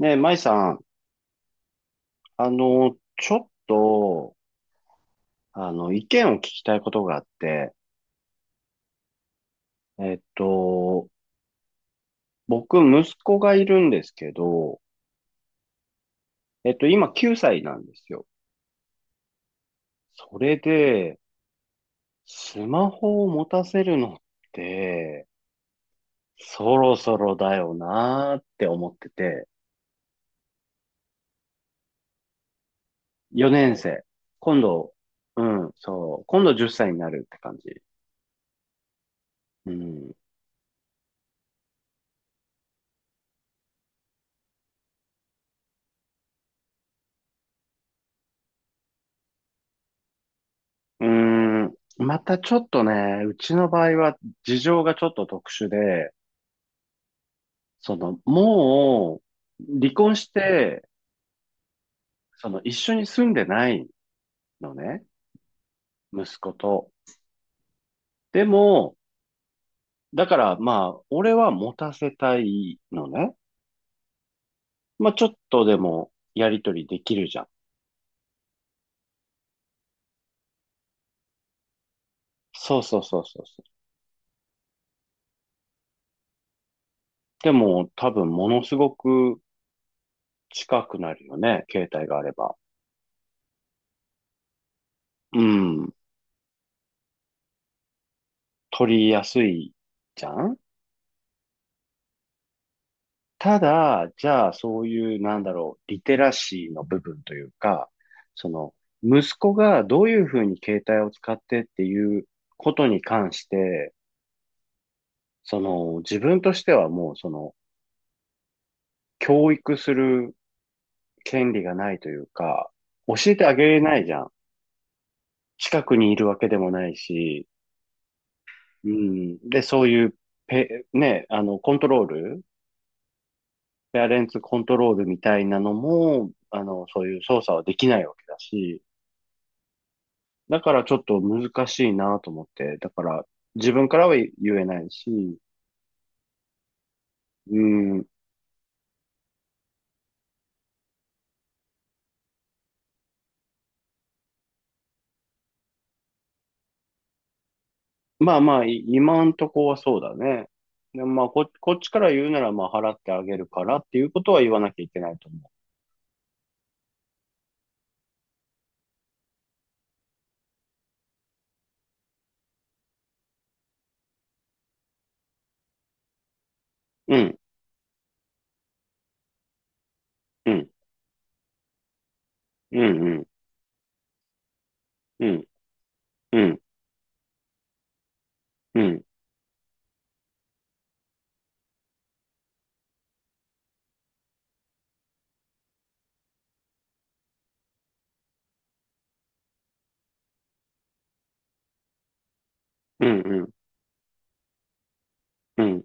ねえ、舞さん、ちょっと、意見を聞きたいことがあって、えっと、僕、息子がいるんですけど、今9歳なんですよ。それで、スマホを持たせるのって、そろそろだよなーって思ってて、4年生。今度、うん、そう、今度10歳になるって感じ。うん。うーん、またちょっとね、うちの場合は事情がちょっと特殊で、もう、離婚して、一緒に住んでないのね、息子と。でも、だからまあ、俺は持たせたいのね。まあ、ちょっとでも、やりとりできるじゃん。そうそうそうそうそう。でも、多分、ものすごく近くなるよね、携帯があれば。うん、取りやすいじゃん。ただ、じゃあ、そういう、なんだろう、リテラシーの部分というか、その、息子がどういうふうに携帯を使ってっていうことに関して、自分としてはもう、教育する権利がないというか、教えてあげれないじゃん。近くにいるわけでもないし、うん。で、そういうね、コントロール、ペアレンツコントロールみたいなのも、そういう操作はできないわけだし、だからちょっと難しいなと思って、だから自分からは言えないし、うん。まあまあ、今んとこはそうだね。でもまあこっちから言うなら、まあ、払ってあげるからっていうことは言わなきゃいけないと思う。うん、うん、うん、うん、うん、うん、うん、うん、うん。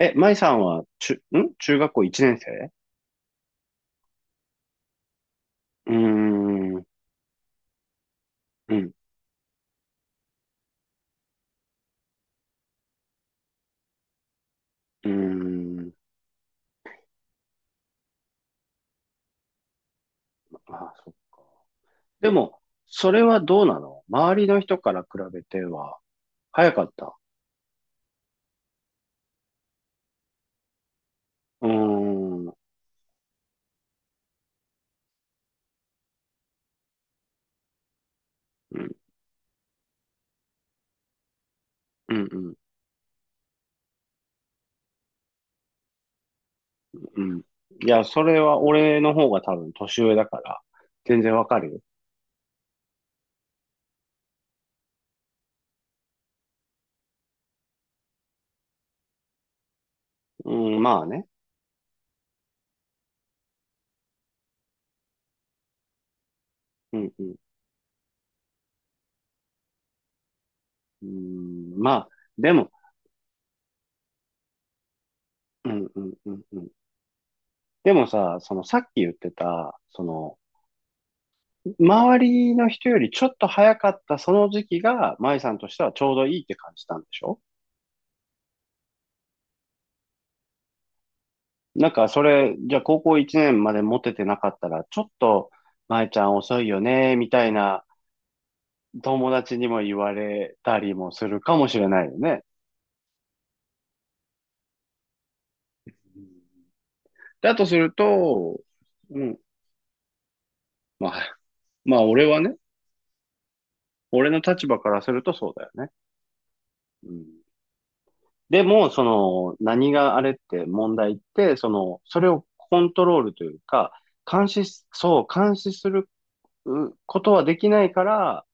え、舞さんは、中学校1年生？うーん、うん、うーん。あ、そっか。でも、それはどうなの？周りの人から比べては、早かった？うーん、うん、うん、うん。うん、いや、それは俺の方が多分年上だから、全然わかるよ。うん、まあね。うん、うん、うん。まあ、でも、うん、うん、うん、うん。でもさ、そのさっき言ってた、その、周りの人よりちょっと早かったその時期が、舞さんとしてはちょうどいいって感じたんでしょ？なんかそれ、じゃあ高校1年までモテてなかったら、ちょっと、舞ちゃん遅いよね、みたいな友達にも言われたりもするかもしれないよね。だとすると、うん、まあ、まあ俺はね、俺の立場からするとそうだよね。うん、でも、その、何があれって問題って、その、それをコントロールというか、監視す、そう、監視するうことはできないから、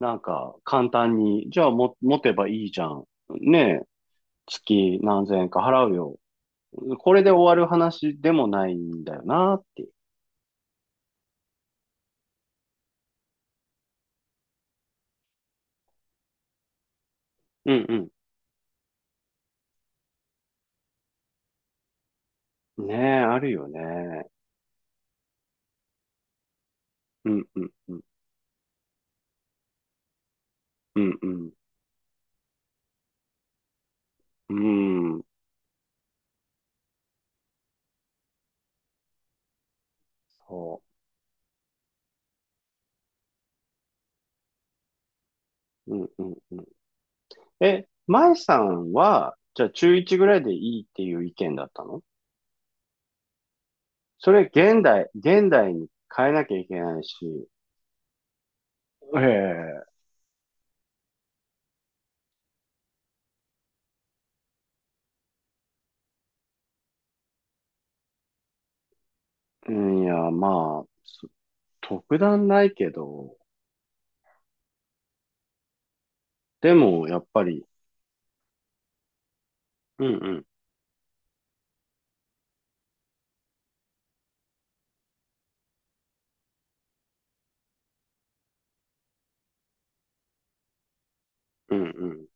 なんか、簡単に、じゃあ持てばいいじゃん。ねえ、月何千円か払うよ。これで終わる話でもないんだよなって。うんうん。ねえ、あるよね。うんうんうんうんうん。うん、そう。うんうんうん。え、舞さんは、じゃあ中1ぐらいでいいっていう意見だったの？それ現代、現代に変えなきゃいけないし、ええ、うん、いや、まあ、特段ないけど、でもやっぱり、うんうん、うんうん、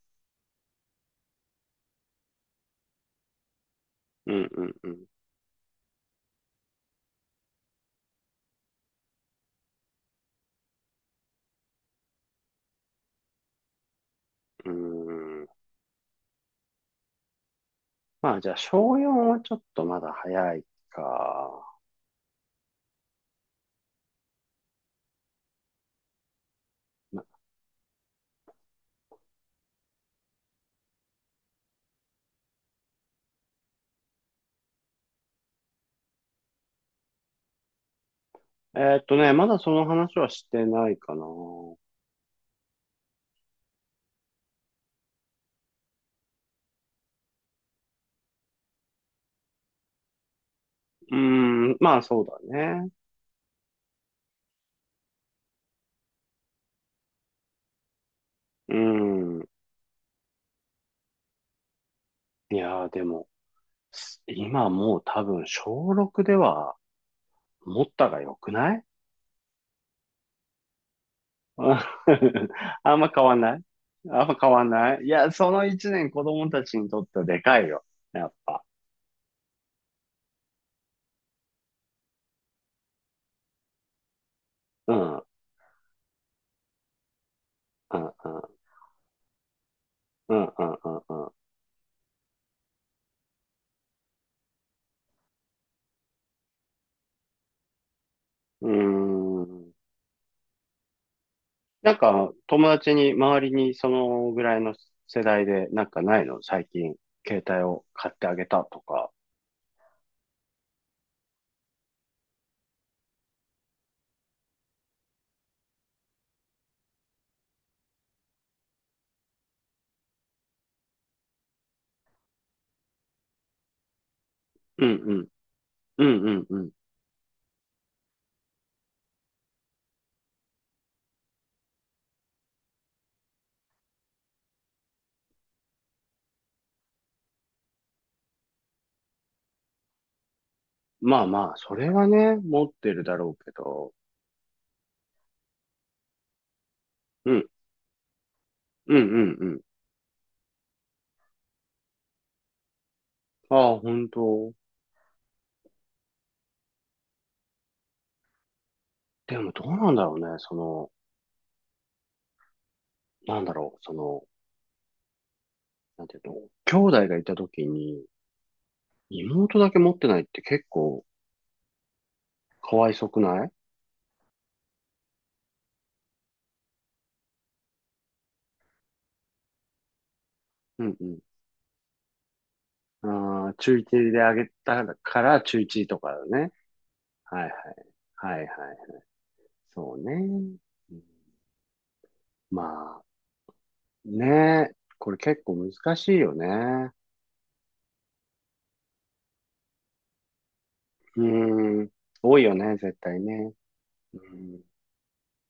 うんうんうん、うん。まあじゃあ小4はちょっとまだ早いか。ね、まだその話はしてないかな。うーん、まあそうだね。うーん。いやーでも、今もう多分小6では持ったが良くない？うん。 あんま変わんない、あんま変わんない。いや、その一年子供たちにとってはでかいよ。やっぱ。うん、うん、うん、うん、うん、うん、うん。うーん。なんか、友達に、周りにそのぐらいの世代で、なんかないの最近、携帯を買ってあげたとか？うんうん。うんうんうん。まあまあ、それはね、持ってるだろうけど。うん。うんうんうん。ああ、本当？でもどうなんだろうね。なんだろう。なんていうの、兄弟がいた時に、妹だけ持ってないって結構かわいそくない？うんうん。ああ、中1であげたから中1とかだね。はいはい。はいはい。そうね。うん、まあ、ね。これ結構難しいよね。うん。多いよね、絶対ね。うん。